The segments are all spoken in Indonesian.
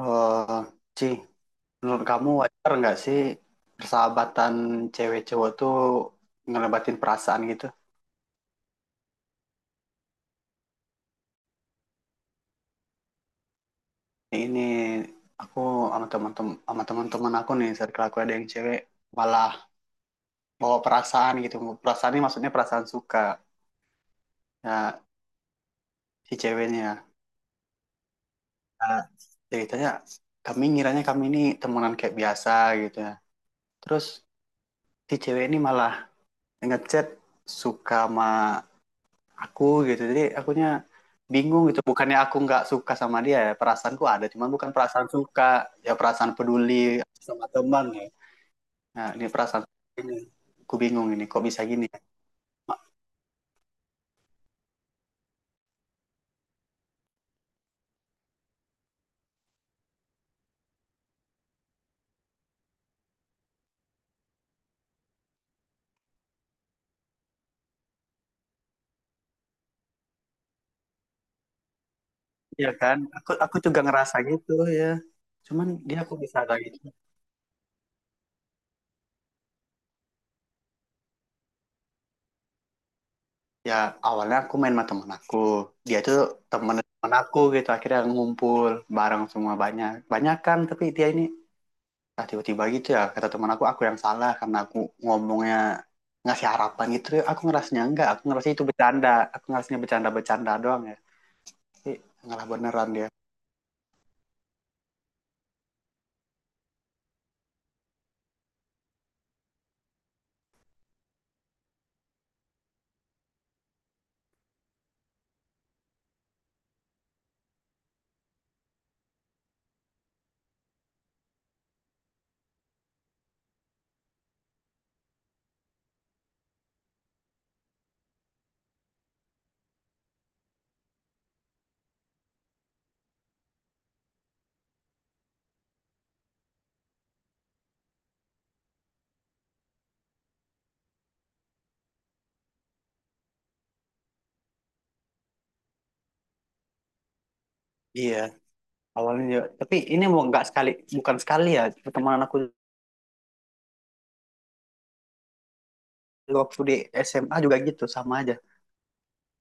Eh, Ci, menurut kamu wajar nggak sih persahabatan cewek cowok tuh ngelebatin perasaan gitu? Ini aku sama teman-teman aku nih, circle aku ada yang cewek malah bawa perasaan gitu. Perasaan ini maksudnya perasaan suka ya, si ceweknya. Nah, ceritanya kami ngiranya kami ini temenan kayak biasa gitu ya. Terus si cewek ini malah ngechat suka sama aku gitu, jadi akunya bingung gitu, bukannya aku nggak suka sama dia, ya perasaanku ada cuman bukan perasaan suka, ya perasaan peduli sama teman ya. Nah, ini perasaan ini aku bingung ini kok bisa gini. Ya kan aku juga ngerasa gitu ya, cuman dia aku bisa kayak gitu. Ya awalnya aku main sama teman aku, dia itu teman teman aku gitu, akhirnya ngumpul bareng semua banyak banyak kan, tapi dia ini. Nah, tiba-tiba gitu ya, kata teman aku yang salah karena aku ngomongnya ngasih harapan gitu. Aku ngerasanya enggak, aku ngerasa itu bercanda. Aku ngerasanya bercanda-bercanda doang ya. Tapi ngalah beneran dia. Iya, awalnya juga. Tapi ini mau enggak sekali, bukan sekali ya. Pertemanan aku waktu di SMA juga gitu, sama aja.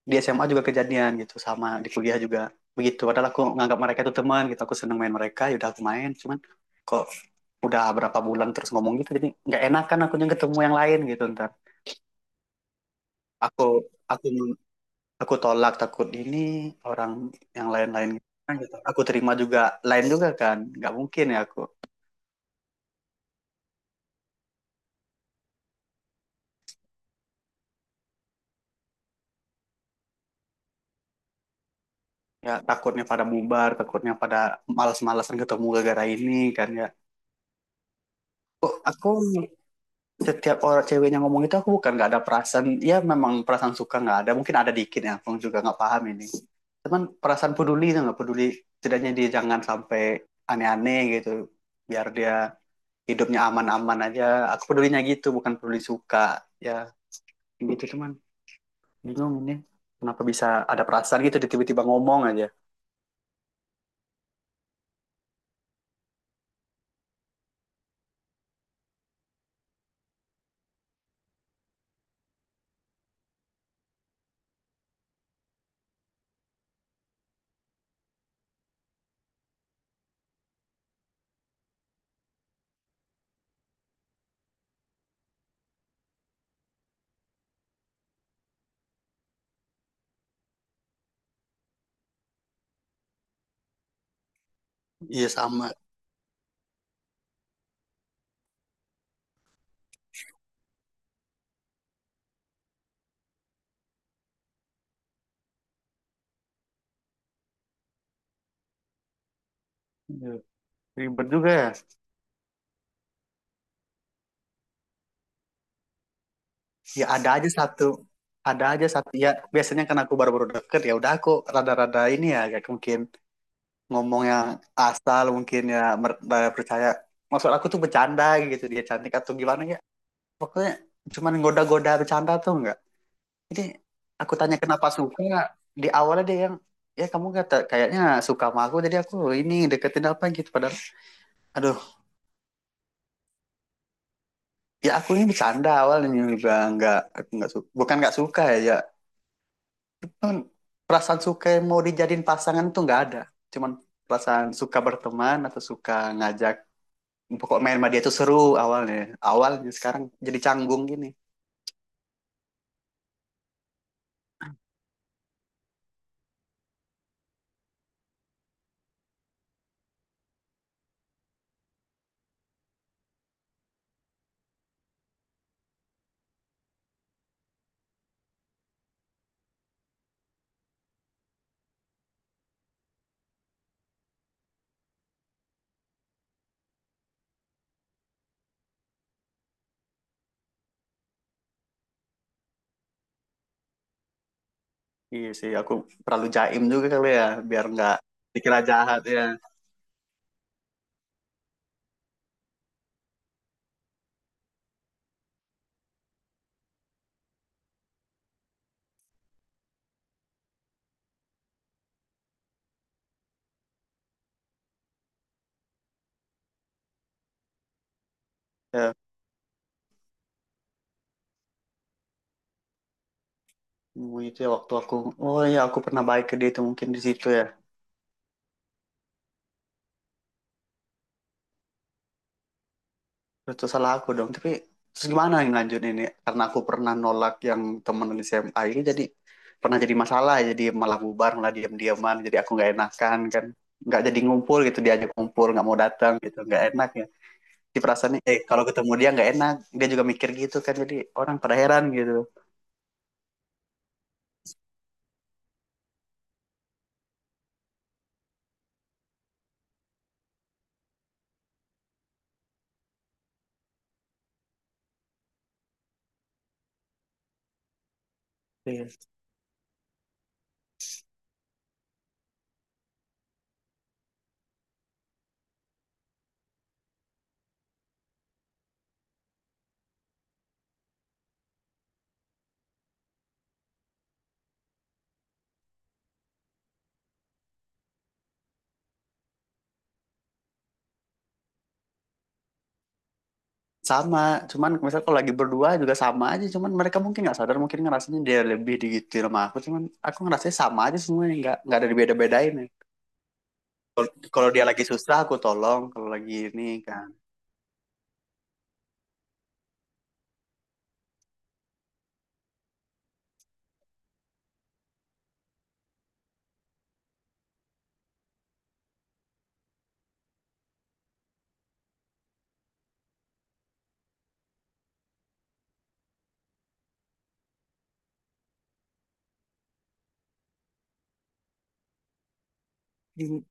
Di SMA juga kejadian gitu, sama di kuliah juga. Begitu, padahal aku nganggap mereka itu teman gitu. Aku seneng main mereka, yaudah aku main. Cuman kok udah berapa bulan terus ngomong gitu, jadi nggak enakan akunya ketemu yang lain gitu ntar. aku aku aku tolak takut ini orang yang lain-lain kan gitu. Aku terima juga lain juga kan, nggak mungkin ya aku. Ya takutnya pada bubar, takutnya pada malas-malasan ketemu gara-gara ini kan ya. Kok aku setiap orang ceweknya ngomong itu, aku bukan nggak ada perasaan, ya memang perasaan suka nggak ada, mungkin ada dikit ya, aku juga nggak paham ini. Cuman perasaan peduli itu nggak peduli, setidaknya dia jangan sampai aneh-aneh gitu, biar dia hidupnya aman-aman aja, aku pedulinya gitu bukan peduli suka ya gitu, cuman bingung ini kenapa bisa ada perasaan gitu dia tiba-tiba ngomong aja. Iya sama. Iya, ribet juga ya. Ya ada aja satu ya, biasanya kan aku baru-baru deket ya udah aku rada-rada ini ya, kayak mungkin ngomong yang asal mungkin ya, percaya maksud aku tuh bercanda gitu, dia cantik atau gimana ya, pokoknya cuman goda-goda bercanda tuh enggak. Jadi aku tanya kenapa suka, di awalnya dia yang ya kamu kata kayaknya suka sama aku, jadi aku ini deketin apa gitu, padahal aduh. Ya aku ini bercanda awalnya juga, nggak aku nggak suka bukan nggak suka ya ya. Cuman perasaan suka yang mau dijadiin pasangan tuh nggak ada, cuman perasaan suka berteman atau suka ngajak pokok main sama dia tuh seru awalnya awalnya sekarang jadi canggung gini. Iya sih, aku terlalu jaim juga kali ya biar nggak dikira jahat ya. Ya, oh, itu ya waktu aku, oh iya aku pernah baik ke dia, itu mungkin di situ ya. Itu salah aku dong, tapi terus gimana yang lanjut ini, karena aku pernah nolak yang temen di SMA ini, jadi pernah jadi masalah, jadi malah bubar malah diam-diaman, jadi aku nggak enakan kan, nggak jadi ngumpul gitu, diajak ngumpul nggak mau datang gitu, nggak enak ya. Si perasaannya eh kalau ketemu dia nggak enak, dia juga mikir gitu kan, jadi orang pada heran gitu. Iya. Sama, cuman misal kalau lagi berdua juga sama aja, cuman mereka mungkin nggak sadar, mungkin ngerasanya dia lebih digituin sama aku, cuman aku ngerasanya sama aja semuanya, nggak ada dibeda-bedain ya. Kalau- Dia lagi susah aku tolong, kalau lagi ini kan.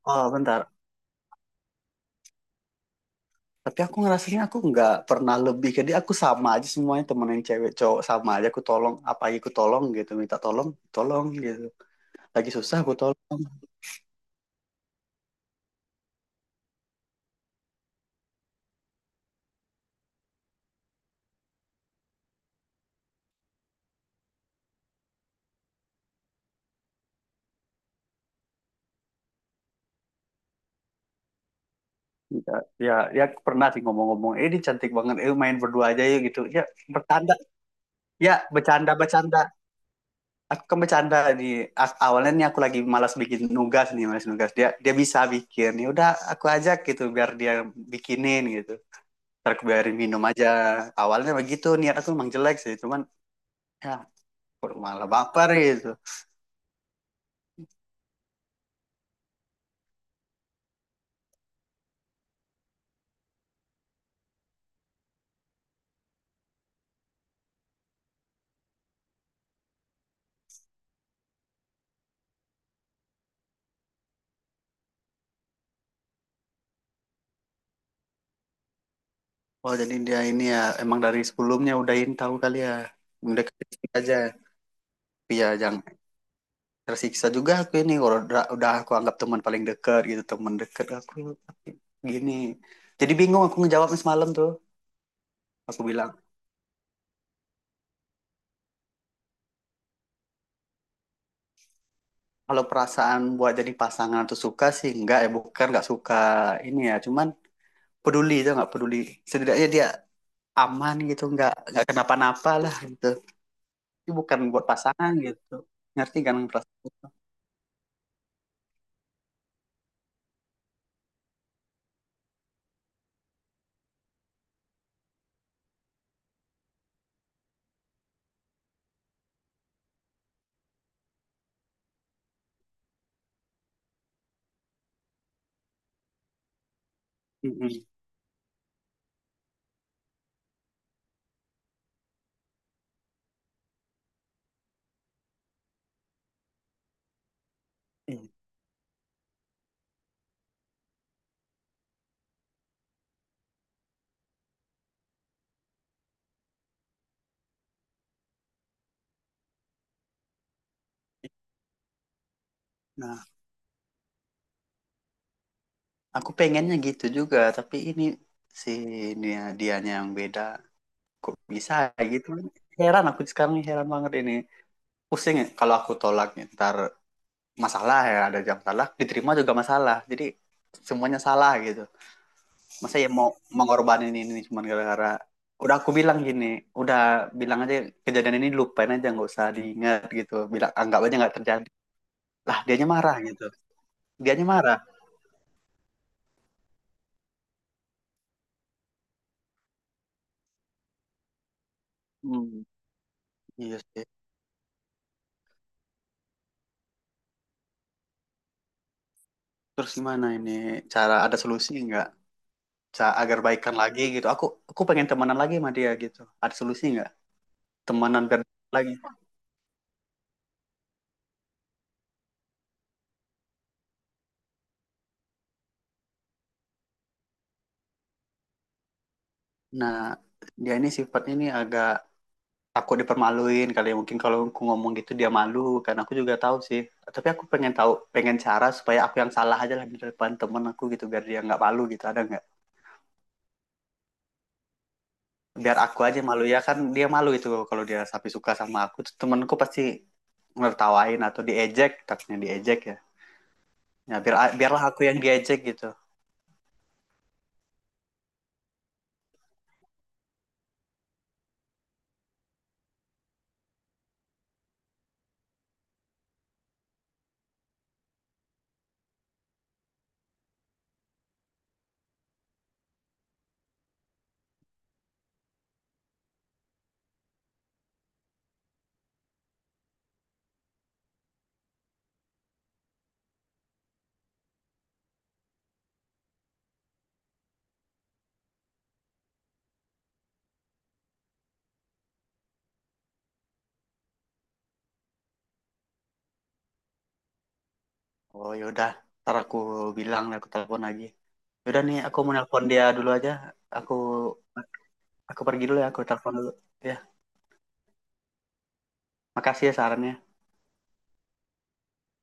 Oh bentar, tapi aku ngerasanya aku nggak pernah lebih ke dia, aku sama aja semuanya, temen yang cewek cowok sama aja, aku tolong apa aja aku tolong gitu, minta tolong tolong gitu lagi susah aku tolong. Ya, ya, ya pernah sih ngomong-ngomong, eh ini cantik banget, eh main berdua aja yuk gitu ya, bercanda. Ya bercanda bercanda, aku kan bercanda nih. Awalnya nih aku lagi malas bikin nugas nih, malas nugas, dia dia bisa bikin, ya udah aku ajak gitu biar dia bikinin gitu, ntar aku biarin minum aja. Awalnya begitu, niat aku emang jelek sih, cuman ya kok malah baper gitu. Oh jadi dia ini ya emang dari sebelumnya udahin tahu kali ya, udah kritik aja. Tapi ya jangan tersiksa juga aku ini kalau udah aku anggap teman paling dekat gitu, teman dekat aku. Tapi gini, jadi bingung aku ngejawabnya semalam tuh, aku bilang. Kalau perasaan buat jadi pasangan atau suka sih enggak ya, bukan nggak suka ini ya, cuman peduli itu nggak peduli, setidaknya dia aman gitu, nggak kenapa-napa lah gitu. Itu bukan buat pasangan gitu. Ngerti kan perasaan itu. Mm-mm. Iya. Nah aku pengennya gitu juga, tapi ini si dia dianya yang beda. Kok bisa ya gitu, heran aku sekarang nih, heran banget ini, pusing ya kalau aku tolak nih, ntar masalah, ya ada jam salah diterima juga masalah, jadi semuanya salah gitu. Masa ya mau mengorbanin ini cuman gara-gara, udah aku bilang gini udah, bilang aja kejadian ini lupain aja nggak usah diingat gitu, bilang anggap aja nggak terjadi. Lah dianya marah gitu, dianya marah. Hmm, iya sih. Terus gimana ini cara, ada solusi nggak cara agar baikan lagi gitu, aku pengen temenan lagi sama dia gitu, ada solusi nggak, temenan lagi. Nah dia ini sifatnya ini agak, aku dipermaluin kali ya. Mungkin kalau aku ngomong gitu dia malu, karena aku juga tahu sih, tapi aku pengen cara supaya aku yang salah aja lah di depan temen aku gitu biar dia nggak malu gitu, ada nggak. Biar aku aja malu ya kan, dia malu itu kalau dia sampai suka sama aku tuh temenku pasti ngertawain atau diejek, takutnya diejek ya. Ya biarlah aku yang diejek gitu. Oh yaudah, ntar aku bilang lah, aku telepon lagi. Yaudah nih aku mau nelpon dia dulu aja. Aku aku pergi dulu ya, aku telepon dulu ya. Makasih ya sarannya.